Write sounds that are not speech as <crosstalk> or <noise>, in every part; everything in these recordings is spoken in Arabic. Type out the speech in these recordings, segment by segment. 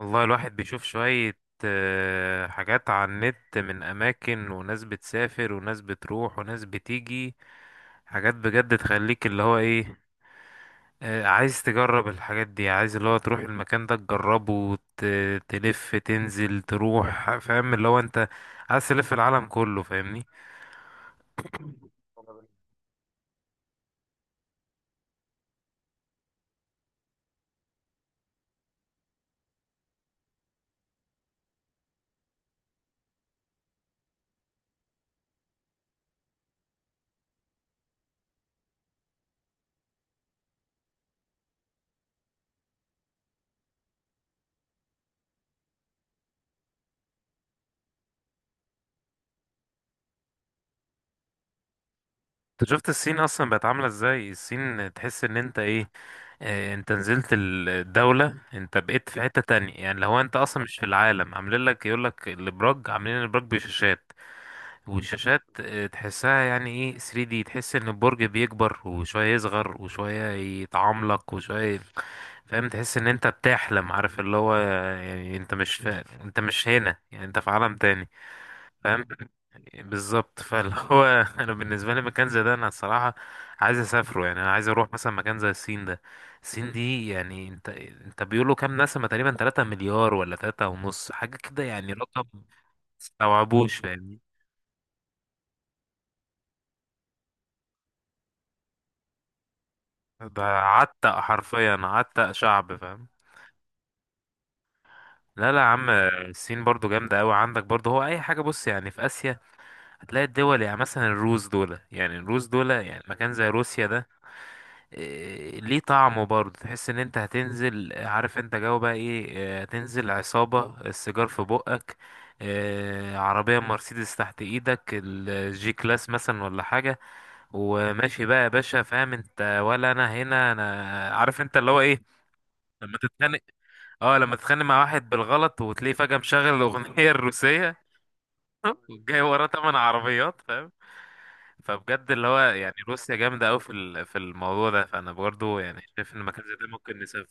والله الواحد بيشوف شوية حاجات على النت من أماكن، وناس بتسافر وناس بتروح وناس بتيجي. حاجات بجد تخليك اللي هو ايه. عايز تجرب الحاجات دي، عايز اللي هو تروح المكان ده تجربه تلف تنزل تروح، فاهم اللي هو انت عايز تلف العالم كله، فاهمني. انت شفت الصين اصلا بقت عاملة ازاي؟ الصين تحس ان انت ايه. انت نزلت الدولة، انت بقيت في حتة تانية. يعني لو انت اصلا مش في العالم، عاملين لك يقول لك الابراج، عاملين الابراج بشاشات. والشاشات تحسها يعني ايه 3D، تحس ان البرج بيكبر وشوية، يصغر وشوية، يتعملق وشوية. فاهم، تحس ان انت بتحلم، عارف اللي هو. يعني انت مش فا... انت مش هنا، يعني انت في عالم تاني. فاهم، بالظبط. فاللي هو <laughs> انا بالنسبه لي مكان زي ده، انا الصراحه عايز اسافره. يعني انا عايز اروح مثلا مكان زي الصين ده. الصين دي يعني انت بيقولوا كام نسمه؟ تقريبا 3 مليار ولا 3 ونص، حاجه كده. يعني رقم مستوعبوش، فاهمني. ده عتق، حرفيا عتق شعب، فاهم. لا لا يا عم. الصين برضو جامدة أوي. عندك برضو، هو أي حاجة بص يعني في آسيا هتلاقي الدول. يعني مثلا الروس دول، يعني مكان زي روسيا ده. ليه طعمه برضه. تحس ان انت هتنزل، عارف انت جو بقى ايه. هتنزل عصابة السيجار في بقك. عربية مرسيدس تحت ايدك، الجي كلاس مثلا ولا حاجة. وماشي بقى يا باشا، فاهم انت ولا انا، هنا انا عارف انت اللي هو ايه. لما تتخانق، اه لما تتخانق مع واحد بالغلط وتلاقيه فجأة مشغل الاغنية الروسية <laughs> وجاي وراه تمن عربيات، فاهم. فبجد اللي هو يعني روسيا جامدة أوي في في الموضوع ده. فأنا برضو يعني شايف إن مكان زي ده ممكن نسافر.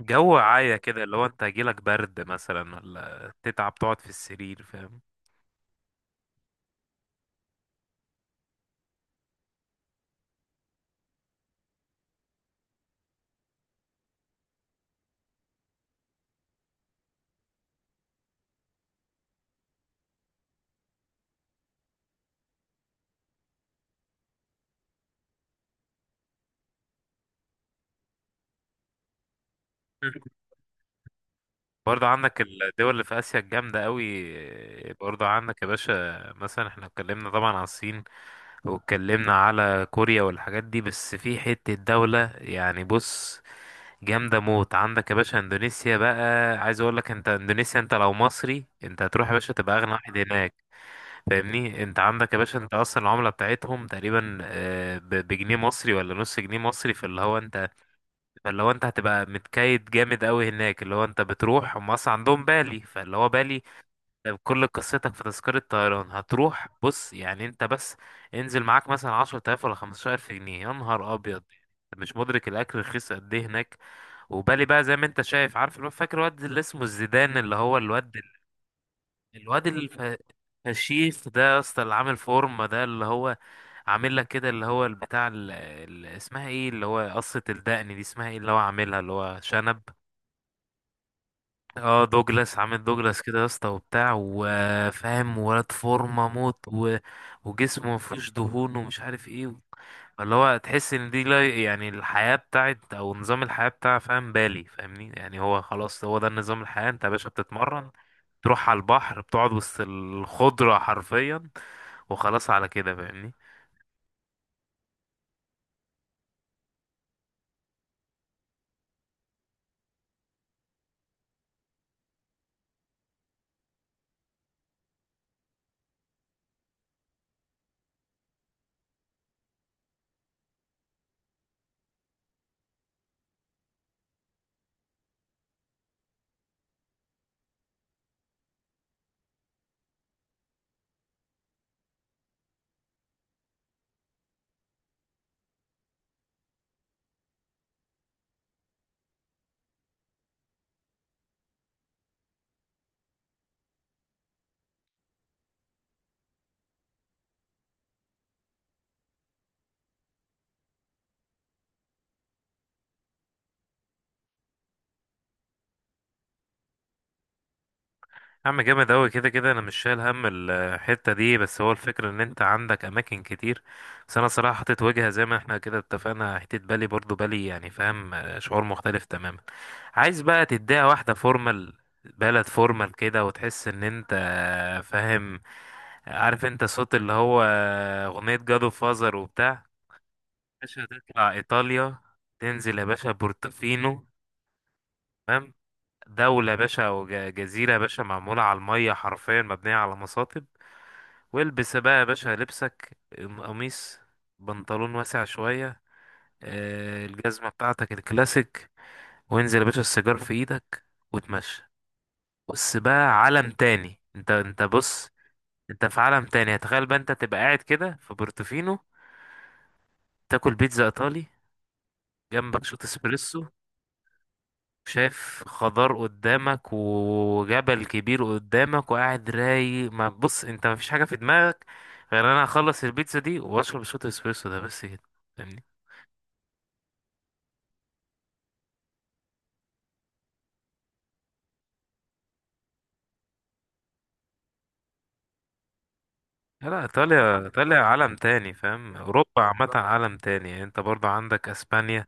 جو عاية كده اللي هو أنت هيجيلك برد مثلا، ولا تتعب تقعد في السرير، فاهم. <laughs> برضه عندك الدول اللي في آسيا الجامدة أوي. برضه عندك يا باشا مثلا، احنا اتكلمنا طبعا عن الصين، واتكلمنا على كوريا والحاجات دي. بس في حتة دولة يعني بص، جامدة موت، عندك يا باشا اندونيسيا بقى. عايز اقول لك انت، اندونيسيا انت لو مصري انت هتروح يا باشا تبقى اغنى واحد هناك، فاهمني. انت عندك يا باشا، انت اصلا العملة بتاعتهم تقريبا، بجنيه مصري ولا نص جنيه مصري. فاللي هو انت، فاللي هو انت هتبقى متكيد جامد قوي هناك. اللي هو انت بتروح، هم اصلا عندهم بالي، فاللي هو بالي كل قصتك في تذكرة طيران. هتروح بص، يعني انت بس انزل معاك مثلا عشرة آلاف ولا خمستاشر ألف جنيه، يا نهار أبيض. انت مش مدرك الأكل رخيص قد إيه هناك. وبالي بقى زي ما انت شايف، عارف فاكر الواد اللي اسمه الزيدان، اللي هو الواد، الواد الف- الفشيخ ده يا اسطى، اللي عامل فورمة ده، اللي هو عامل لك كده، اللي هو البتاع اسمها ايه، اللي هو قصة الدقن دي، اسمها ايه، اللي هو عاملها اللي هو شنب. اه دوجلاس، عامل دوجلاس كده يا اسطى وبتاع وفاهم، ولد فورمه موت وجسمه مفيهوش دهون ومش عارف ايه. اللي هو تحس ان دي، لا يعني الحياة بتاعت، او نظام الحياة بتاع، فاهم، بالي، فاهمني. يعني هو خلاص، هو ده نظام الحياة. انت يا باشا بتتمرن، تروح على البحر، بتقعد وسط الخضرة حرفيا، وخلاص على كده، فاهمني. يا عم جامد أوي، كده كده أنا مش شايل هم الحتة دي. بس هو الفكرة إن أنت عندك أماكن كتير. بس أنا صراحة حطيت وجهة زي ما احنا كده اتفقنا، حتة بالي، برضو بالي يعني فاهم. شعور مختلف تماما. عايز بقى تديها واحدة فورمال، بلد فورمال كده، وتحس إن أنت فاهم. عارف أنت صوت اللي هو أغنية جادو فازر وبتاع. باشا تطلع إيطاليا، تنزل يا باشا بورتوفينو. تمام. دولة يا باشا، أو جزيرة يا باشا معمولة على المية حرفيا، مبنية على مصاطب. والبس بقى يا باشا لبسك، قميص، بنطلون واسع شوية، الجزمة بتاعتك الكلاسيك، وانزل يا باشا السيجار في ايدك وتمشى. بص بقى عالم تاني، انت بص. انت في عالم تاني. تخيل بقى انت تبقى قاعد كده في بورتوفينو، تاكل بيتزا ايطالي، جنبك شوت اسبريسو، شايف خضار قدامك وجبل كبير قدامك وقاعد رايق. ما بص، انت مفيش حاجة في دماغك غير انا اخلص البيتزا دي واشرب شوت اسبريسو ده، بس كده. لا لا، ايطاليا، ايطاليا عالم تاني فاهم. اوروبا عامه عالم تاني. يعني انت برضو عندك اسبانيا،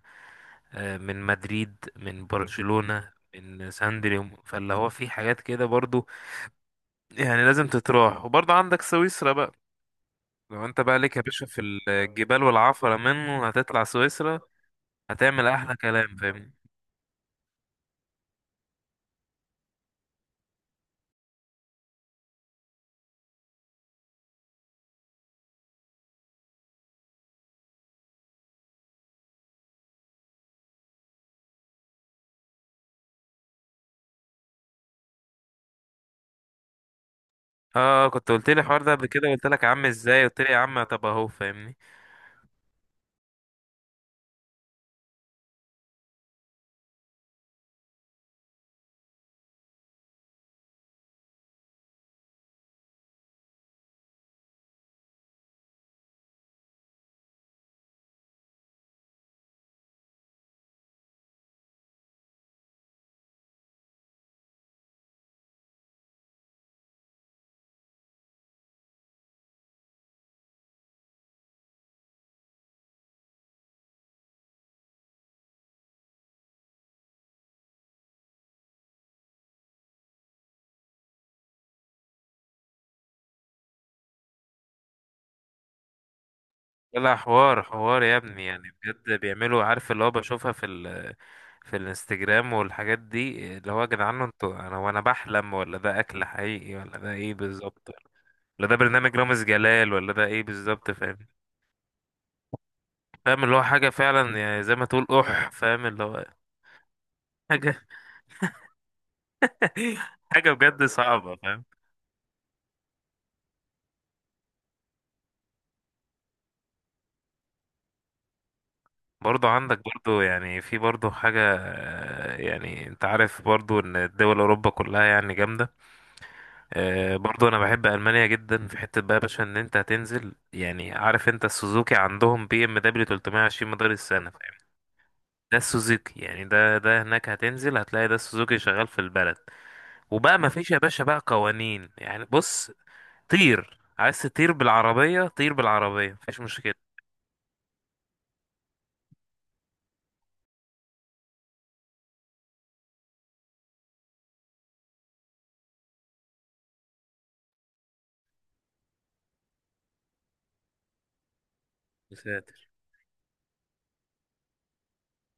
من مدريد، من برشلونه، من ساندريوم. فاللي هو في حاجات كده برضو. يعني لازم تتراح. وبرضو عندك سويسرا بقى. لو انت بقى ليك يا باشا في الجبال والعفره منه، هتطلع سويسرا، هتعمل احلى كلام فاهمني. اه كنت قلت لي الحوار ده قبل كده، قلت لك يا عم ازاي، قلت لي يا عم طب اهو، فاهمني. لا حوار حوار يا ابني، يعني بجد بيعملوا، عارف اللي هو، بشوفها في في الانستجرام والحاجات دي. اللي هو يا جدعان انتوا، انا وانا بحلم، ولا ده اكل حقيقي، ولا ده ايه بالظبط، ولا ده برنامج رامز جلال، ولا ده ايه بالظبط، فاهم. فاهم اللي هو حاجة فعلا، يعني زي ما تقول اح، فاهم اللي هو حاجة <laughs> حاجة بجد صعبة، فاهم. برضو عندك، برضو يعني في برضو حاجة، يعني انت عارف برضو ان الدول اوروبا كلها يعني جامدة. برضو انا بحب المانيا جدا. في حته بقى يا باشا ان انت هتنزل، يعني عارف انت السوزوكي عندهم بي ام دبليو 320 مدار السنه فاهم. ده السوزوكي يعني، ده هناك هتنزل هتلاقي ده السوزوكي شغال في البلد. وبقى ما فيش يا باشا بقى قوانين، يعني بص، طير، عايز تطير بالعربيه طير بالعربيه، مفيش مشكله. يا ساتر،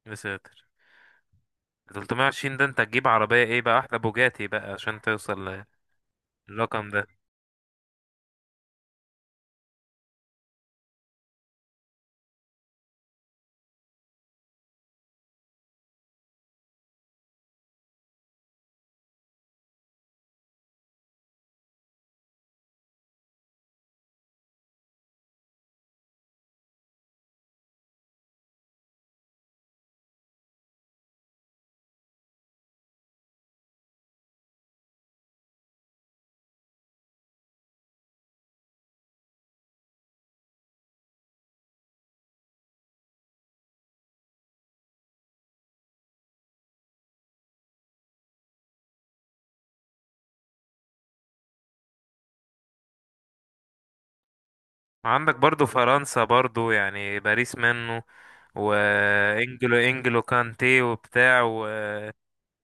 يا ساتر. 320 ده، انت تجيب عربيه ايه بقى، احلى بوجاتي بقى عشان توصل للرقم. عندك برضو فرنسا، برضو يعني باريس منه، وانجلو كانتي وبتاع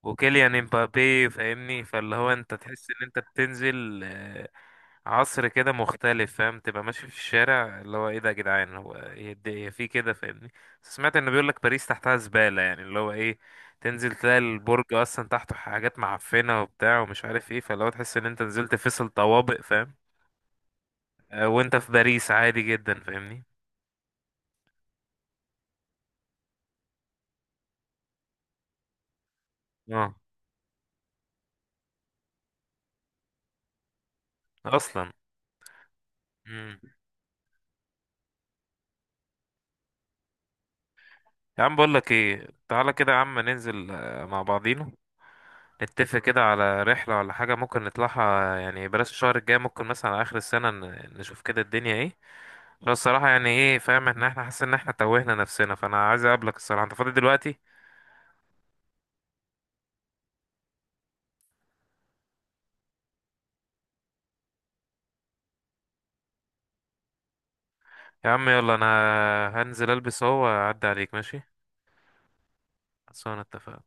وكيليان امبابي، فاهمني. فاللي هو انت تحس ان انت بتنزل عصر كده مختلف فاهم. تبقى ماشي في الشارع، اللي هو ايه ده يا جدعان، هو هي هي في كده، فاهمني. بس سمعت ان بيقول لك باريس تحتها زبالة، يعني اللي هو ايه، تنزل تلاقي البرج اصلا تحته حاجات معفنة وبتاع ومش عارف ايه. فاللي هو تحس ان انت نزلت فيصل طوابق فاهم. وانت في باريس عادي جدا فاهمني. اه اصلا. مم. يا عم بقول لك ايه، تعالى كده يا عم ننزل مع بعضينا، نتفق كده على رحلة ولا حاجة، ممكن نطلعها. يعني بلاش الشهر الجاي، ممكن مثلا على آخر السنة نشوف كده الدنيا ايه. بس الصراحة يعني ايه فاهم، ان احنا حاسس ان احنا توهنا نفسنا. فانا عايز اقابلك الصراحة، انت فاضي دلوقتي؟ يا عم يلا انا هنزل البس اهو واعدي عليك، ماشي. خلصانة، اتفقنا.